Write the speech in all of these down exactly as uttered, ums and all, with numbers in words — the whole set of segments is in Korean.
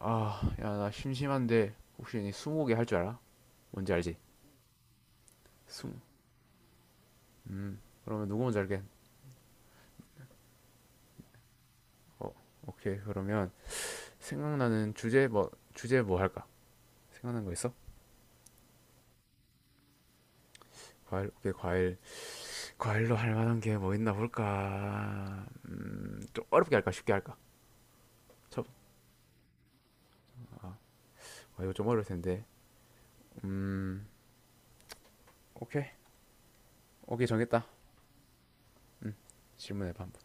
아, 야, 나 심심한데 혹시 니 스무고개 할 줄 알아? 뭔지 알지? 스무. 음, 그러면 누구 먼저 할게? 어, 오케이. 그러면 생각나는 주제 뭐 주제 뭐 할까? 생각난 거 있어? 과일, 오케이, 과일. 과일로 할 만한 게 뭐 있나 볼까? 음, 좀 어렵게 할까? 쉽게 할까? 첫, 아, 아, 이거 좀 어려울 텐데. 음, 오케이. 오케이, 정했다. 질문해봐 한번.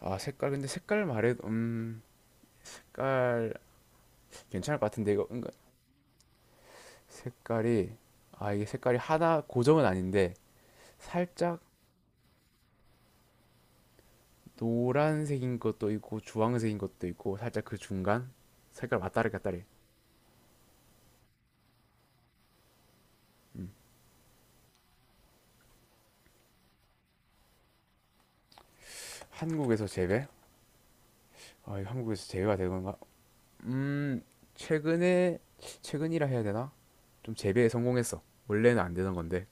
아, 색깔, 근데 색깔 말해. 음, 색깔 괜찮을 것 같은데 이거 은근. 색깔이 아 이게 색깔이 하나 고정은 아닌데, 살짝 노란색인 것도 있고 주황색인 것도 있고 살짝 그 중간 색깔 왔다리 갔다리. 한국에서 재배? 아, 이거 한국에서 재배가 되는 건가? 음 최근에 최근이라 해야 되나? 좀 재배에 성공했어. 원래는 안 되던 건데.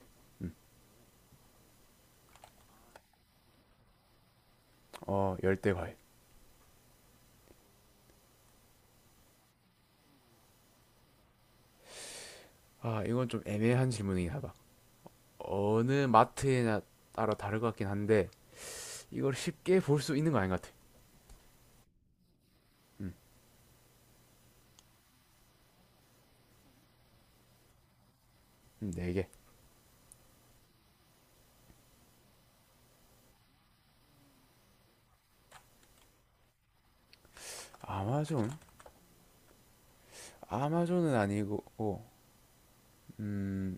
어, 열대 과일. 아, 이건 좀 애매한 질문이긴 하다. 어느 마트에나 따라 다를 것 같긴 한데, 이걸 쉽게 볼 수 있는 거 아닌 것 같아. 음, 네 개. 아마존 아마존은 아니고. 음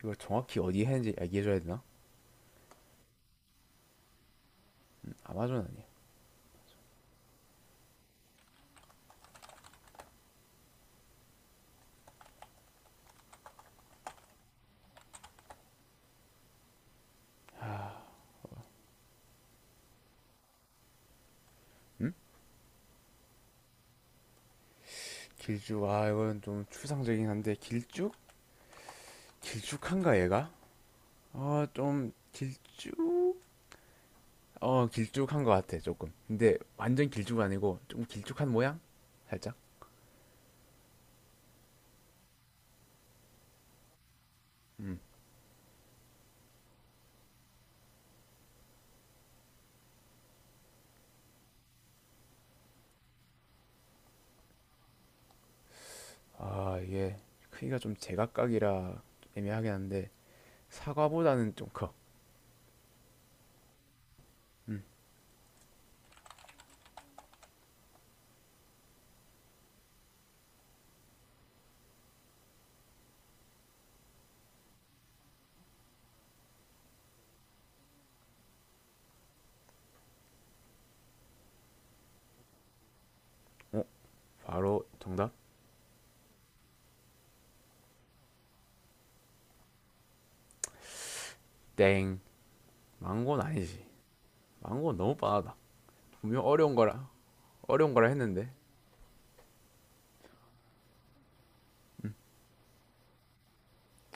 이걸 정확히 어디 했는지 얘기해줘야 되나? 음, 아마존 아니야. 길쭉 아 이건 좀 추상적이긴 한데, 길쭉? 길쭉한가 얘가? 아, 좀 길쭉? 어, 길쭉한 것 같아 조금. 근데 완전 길쭉은 아니고 좀 길쭉한 모양? 살짝? 음아 이게 크기가 좀 제각각이라 애매하긴 한데, 사과보다는 좀 커. 어? 바로 정답? 땡, 망고는 아니지. 망고는 너무 뻔하다. 분명 어려운 거라 어려운 거라 했는데.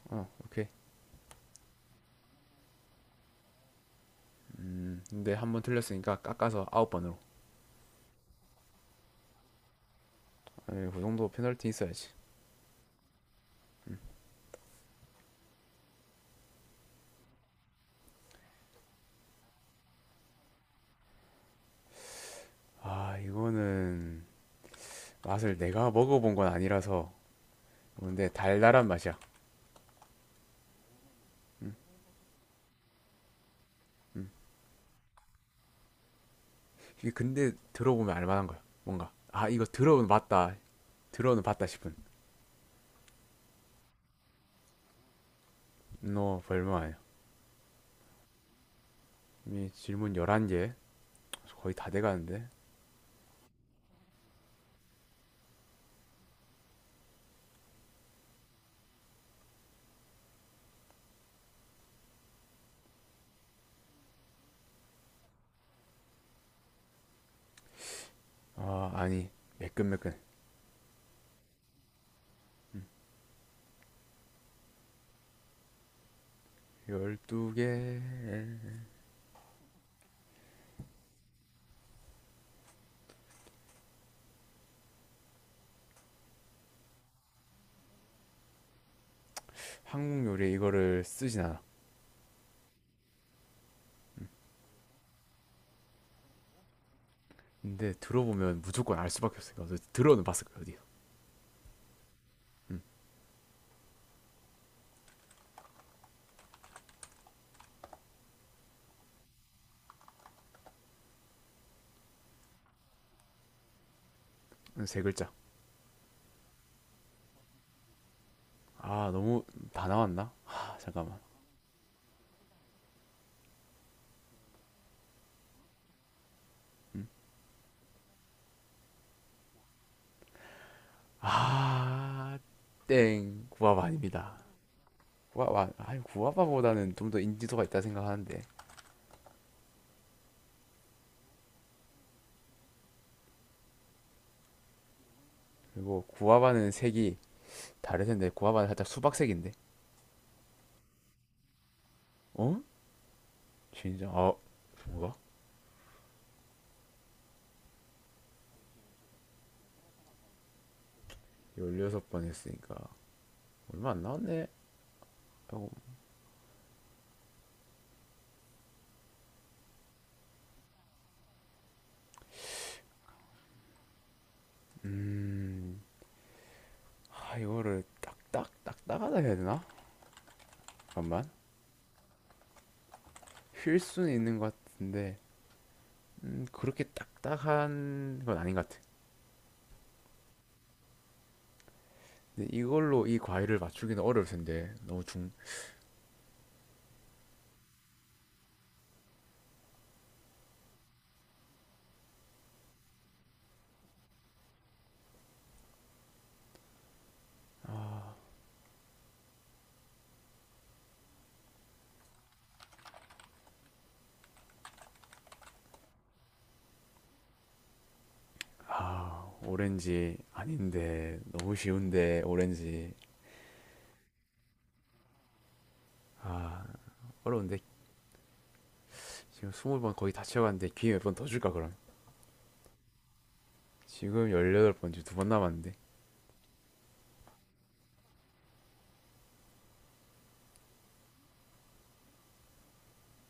어, 오케이. 음, 근데 한 번 틀렸으니까 깎아서 아홉 번으로. 아니, 그 정도 페널티 있어야지. 아, 이거는 맛을 내가 먹어본 건 아니라서. 근데 달달한 맛이야. 이게 근데 들어보면 알만한 거야. 뭔가, 아, 이거 들어는 맞다. 들어는 봤다 싶은. 너 별말 아니야. 이 질문 열한 개 거의 다 돼가는데. 아, 아니, 매끈매끈. 열두 개. 한국 요리에 이거를 쓰진 않아. 근데 들어보면 무조건 알 수밖에 없으니까 어디- 들어는 봤을 거야 어디. 세 글자. 아, 너무. 다 나왔나? 아, 잠깐만. 아땡, 구아바 아닙니다. 구아바, 아니, 구아바보다는 좀 더 인지도가 있다 생각하는데. 그리고 구아바는 색이 다를 텐데, 구아바는 살짝 수박색인데. 어? 진짜, 아, 뭐가? 열여섯 번 했으니까 얼마 안 나왔네. 하고. 아, 이거를 딱딱딱딱하다 해야 되나? 잠깐만. 휠 수는 있는 것 같은데. 음, 그렇게 딱딱한 건 아닌 것 같아. 근데 이걸로 이 과일을 맞추기는 어려울 텐데 너무 중... 아, 오렌지 아닌데 너무 쉬운데 오렌지. 어려운데. 지금 스무 번 거의 다 채워갔는데 기회 몇 번 더 줄까 그럼? 지금 열여덟 번째, 두 번 남았는데.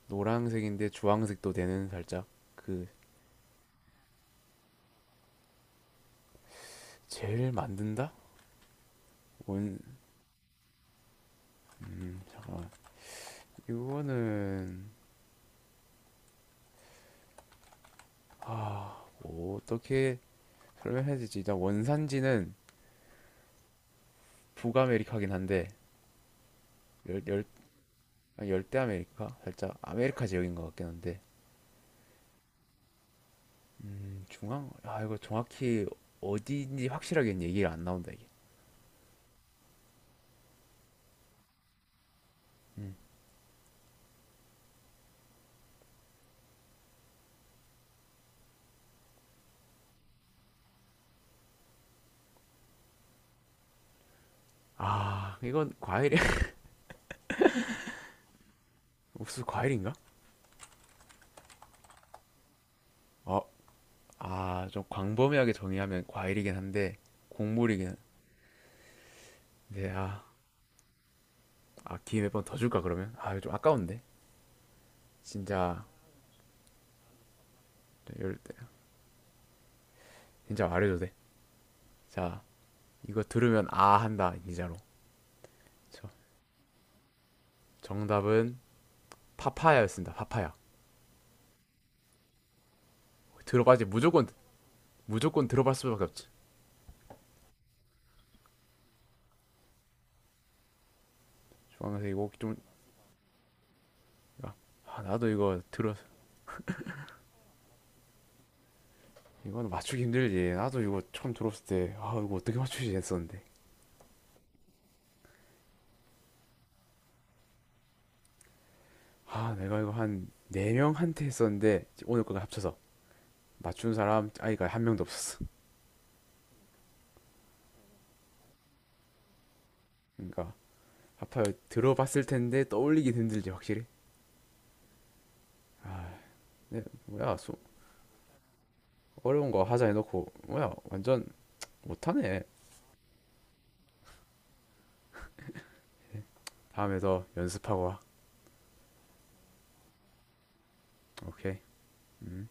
노란색인데 주황색도 되는 살짝 그. 젤 만든다? 원... 음, 잠깐만. 이거는... 아... 뭐, 어떻게 설명해야 되지? 일단 원산지는 북아메리카긴 한데, 열, 아, 열대 아메리카. 살짝 아메리카 지역인 것 같긴 한데. 음, 중앙 아 이거 정확히 어디인지 확실하게는 얘기가 안 나온다 이게. 아, 이건 과일이 옥수수 과일인가? 어아좀 광범위하게 정의하면 과일이긴 한데 곡물이긴 한데. 아, 아, 기회 몇 번 더 줄까 그러면. 아, 이거 좀 아까운데 진짜. 네, 열대. 진짜 말해도 돼. 자, 이거 들으면 아 한다 진짜로. 저, 정답은 파파야였습니다. 파파야 들어봐야지 무조건. 무조건 들어볼 수밖에 없지. 좋아하면서 이거 좀. 아, 나도 이거 들었. 이거 맞추기 힘들지. 나도 이거 처음 들었을 때 아 이거 어떻게 맞추지 했었는데. 아, 내가 이거 한 네명한테 했었는데 오늘 거가 합쳐서 맞춘 사람 아이가 한 명도 없었어. 그러니까 아파요 들어봤을 텐데. 떠올리기 힘들지 확실히. 네, 뭐야 수, 어려운 거 하자 해놓고. 뭐야, 완전 못하네. 다음에 더 연습하고 와. 오케이. 음